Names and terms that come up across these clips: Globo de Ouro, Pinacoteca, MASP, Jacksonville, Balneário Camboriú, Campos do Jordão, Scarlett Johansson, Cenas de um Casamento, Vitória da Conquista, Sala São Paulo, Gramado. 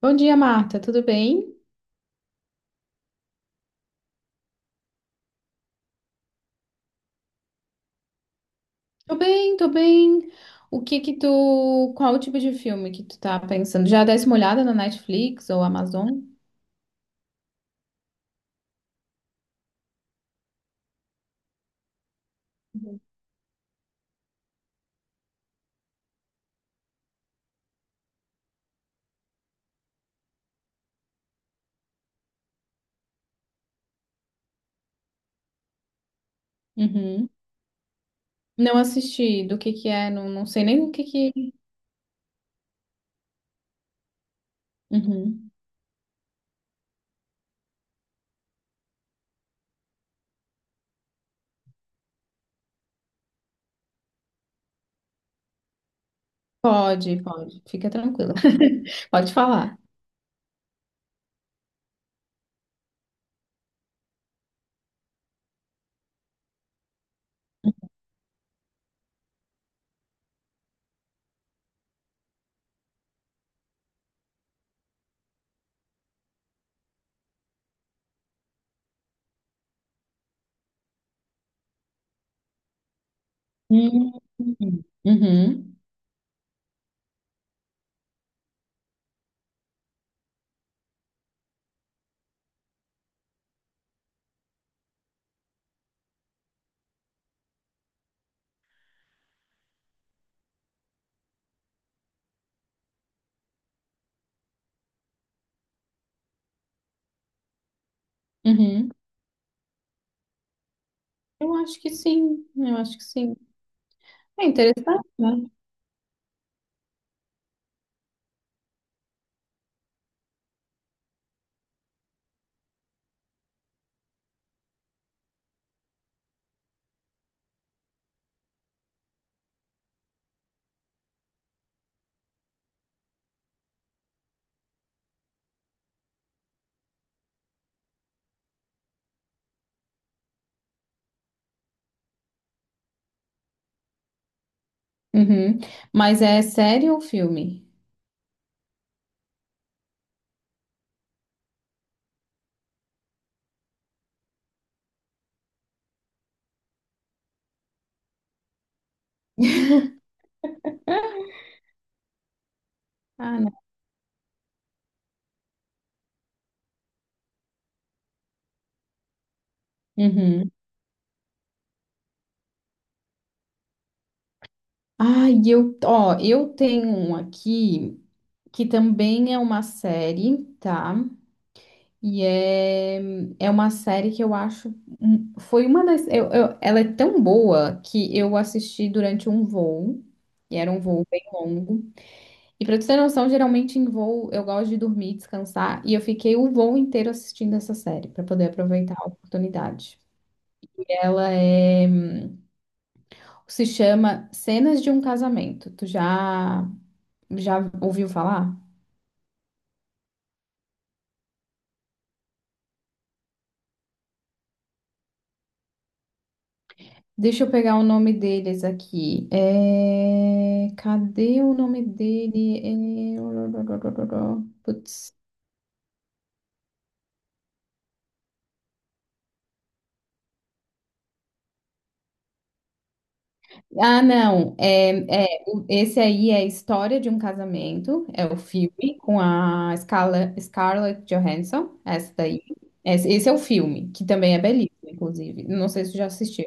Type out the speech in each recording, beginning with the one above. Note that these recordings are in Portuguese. Bom dia, Marta. Tudo bem? Tô bem, tô bem. O que que tu, Qual o tipo de filme que tu tá pensando? Já desse uma olhada na Netflix ou Amazon? Uhum. Uhum. Não assisti. Do que é? Não, não sei nem o que que. Uhum. Pode, pode. Fica tranquila. Pode falar. Hum. Uhum. Uhum. Eu acho que sim. Eu acho que sim. É interessante, né? Uhum. Mas é série ou filme? Ah, não. Uhum. Ah, e eu, ó, eu tenho um aqui que também é uma série, tá? E é uma série que eu acho, um- foi uma das, eu- ela é tão boa que eu assisti durante um voo, e era um voo bem longo. E pra tu ter noção, geralmente em voo eu gosto de dormir, descansar, e eu fiquei o voo inteiro assistindo essa série pra poder aproveitar a oportunidade. Ela é, Se chama Cenas de um Casamento. Tu já ouviu falar? Deixa eu pegar o nome deles aqui. É, cadê o nome dele? É. Putz. Ah, não. É, esse aí é a história de um casamento. É o filme com a Scarlett Johansson. Essa daí. Esse é o filme, que também é belíssimo, inclusive. Não sei se você já assistiu.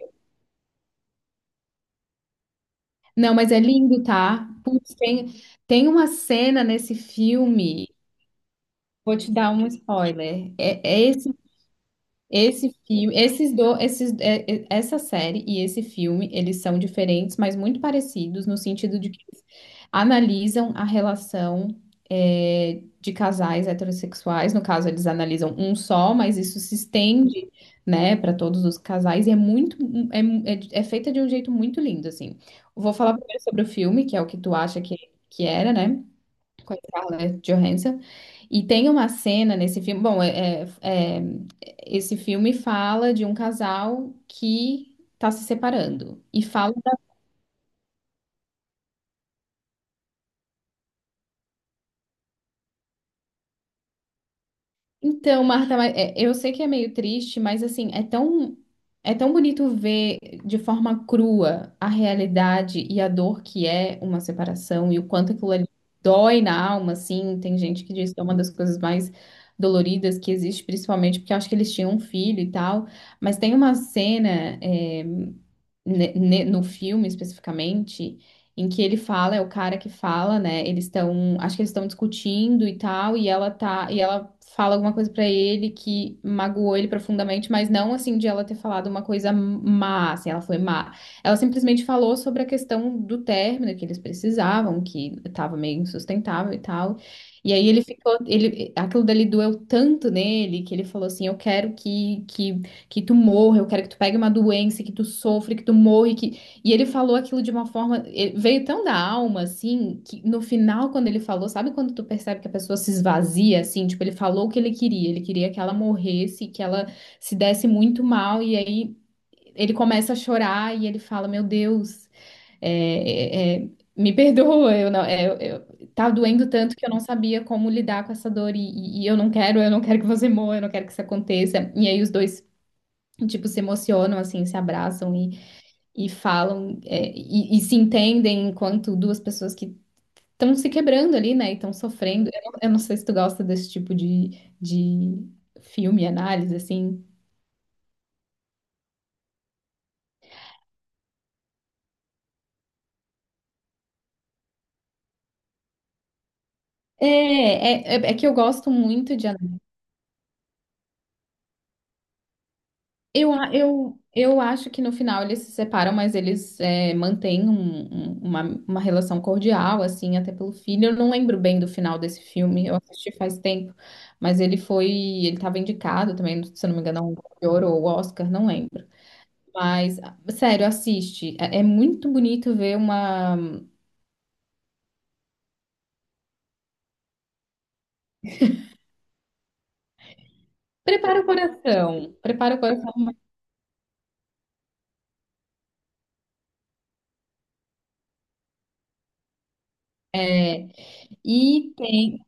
Não, mas é lindo, tá? Putz, tem uma cena nesse filme. Vou te dar um spoiler. Esse filme, essa série e esse filme, eles são diferentes, mas muito parecidos no sentido de que eles analisam a relação de casais heterossexuais. No caso, eles analisam um só, mas isso se estende, né, para todos os casais e é, é feita de um jeito muito lindo, assim. Vou falar primeiro sobre o filme, que é o que tu acha que era, né? Com a Scarlett Johansson. E tem uma cena nesse filme. Bom, esse filme fala de um casal que está se separando. E fala Então, Marta, mas, eu sei que é meio triste, mas assim, é tão bonito ver de forma crua a realidade e a dor que é uma separação e o quanto aquilo ali dói na alma, assim. Tem gente que diz que é uma das coisas mais doloridas que existe, principalmente porque eu acho que eles tinham um filho e tal. Mas tem uma cena, no filme especificamente, em que ele fala, é o cara que fala, né? Eles estão, acho que eles estão discutindo e tal, e ela tá, e ela fala alguma coisa pra ele que magoou ele profundamente, mas não assim de ela ter falado uma coisa má, assim, ela foi má. Ela simplesmente falou sobre a questão do término que eles precisavam, que tava meio insustentável e tal. E aí ele ficou, ele, aquilo dali doeu tanto nele que ele falou assim, eu quero que tu morra, eu quero que tu pegue uma doença, que tu sofra, que tu morra, e que. E ele falou aquilo de uma forma, ele veio tão da alma, assim, que no final, quando ele falou, sabe quando tu percebe que a pessoa se esvazia, assim, tipo, ele falou o que ele queria que ela morresse, que ela se desse muito mal, e aí ele começa a chorar e ele fala, meu Deus, é, é, é, me perdoa, eu não, é, eu- tá doendo tanto que eu não sabia como lidar com essa dor e eu não quero que você morra, eu não quero que isso aconteça. E aí os dois Tipo, se emocionam, assim, se abraçam e falam, e se entendem enquanto duas pessoas que estão se quebrando ali, né, e estão sofrendo. Eu não sei se tu gosta desse tipo de filme, análise, assim. É que eu gosto muito de. Eu acho que no final eles se separam, mas eles mantêm uma relação cordial, assim, até pelo filho. Eu não lembro bem do final desse filme, eu assisti faz tempo, mas ele estava indicado também, se eu não me engano, a um Globo de Ouro ou Oscar, não lembro. Mas, sério, assiste. É muito bonito ver uma. Prepara o coração, prepara o coração. É, e tem.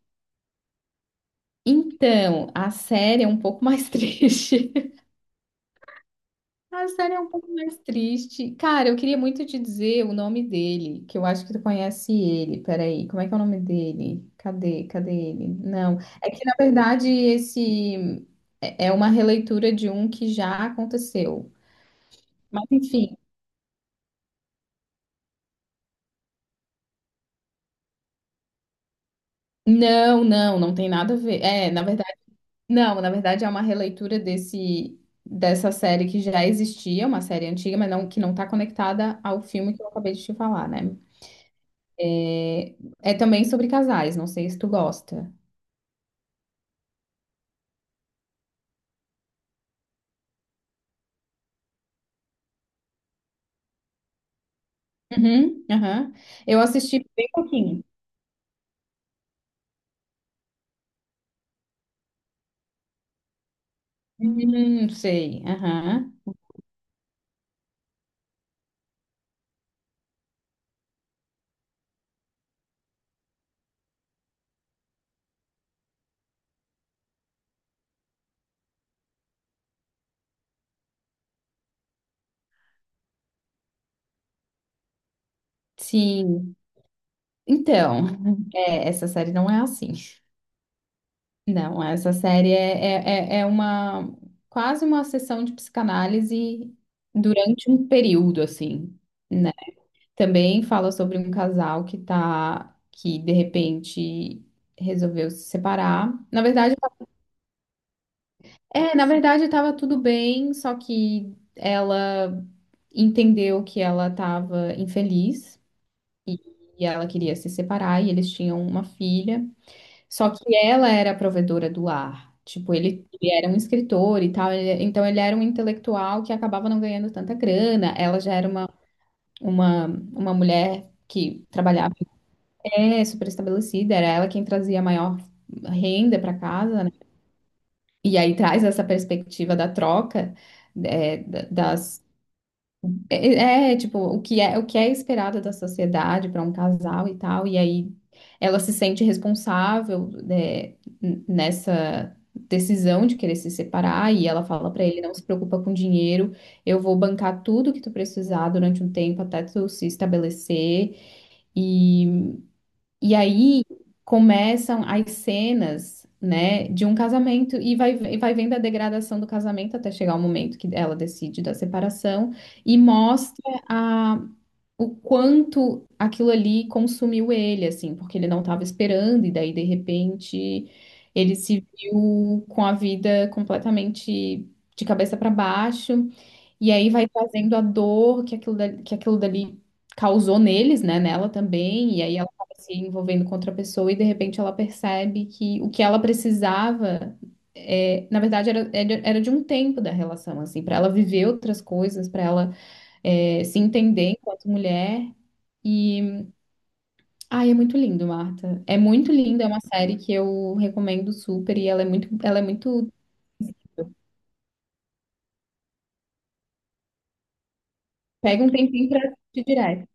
Então, a série é um pouco mais triste. A série é um pouco mais triste. Cara, eu queria muito te dizer o nome dele, que eu acho que tu conhece ele. Peraí, como é que é o nome dele? Cadê? Cadê ele? Não. É que, na verdade, esse é uma releitura de um que já aconteceu. Mas, enfim. Não, não, não tem nada a ver. É, na verdade, não, na verdade é uma releitura desse dessa série que já existia, uma série antiga, mas não que não tá conectada ao filme que eu acabei de te falar, né? É, é também sobre casais, não sei se tu gosta. Uhum, aham. Eu assisti bem pouquinho. Sei, aham. Sim. Então, essa série não é assim. Não, essa série é, é, é é uma quase uma sessão de psicanálise durante um período, assim, né? Também fala sobre um casal que de repente resolveu se separar. Na verdade, estava tudo bem, só que ela entendeu que ela estava infeliz e ela queria se separar e eles tinham uma filha. Só que ela era a provedora do lar. Tipo, ele era um escritor e tal, então ele era um intelectual que acabava não ganhando tanta grana. Ela já era uma, uma mulher que trabalhava, super estabelecida, era ela quem trazia a maior renda para casa, né? E aí traz essa perspectiva da troca, é, da- das, tipo, o que é esperado da sociedade para um casal e tal, e aí ela se sente responsável, né, nessa decisão de querer se separar, e ela fala para ele, não se preocupa com dinheiro, eu vou bancar tudo que tu precisar durante um tempo até tu se estabelecer, e aí começam as cenas, né, de um casamento e vai, vendo a degradação do casamento até chegar o momento que ela decide da separação e mostra a, o quanto aquilo ali consumiu ele, assim, porque ele não estava esperando e daí de repente ele se viu com a vida completamente de cabeça para baixo. E aí vai trazendo a dor que aquilo dali, causou neles, né? Nela também. E aí ela acaba se envolvendo com outra pessoa e de repente ela percebe que o que ela precisava, na verdade, era de um tempo da relação, assim, para ela viver outras coisas, para ela, se entender enquanto mulher. E, ai, é muito lindo, Marta. É muito lindo, é uma série que eu recomendo super e ela é muito, ela é muito. Pega um tempinho pra assistir direto.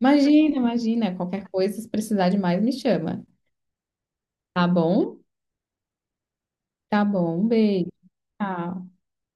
Imagina, imagina. Qualquer coisa, se precisar de mais, me chama. Tá bom? Tá bom. Um beijo. Tchau.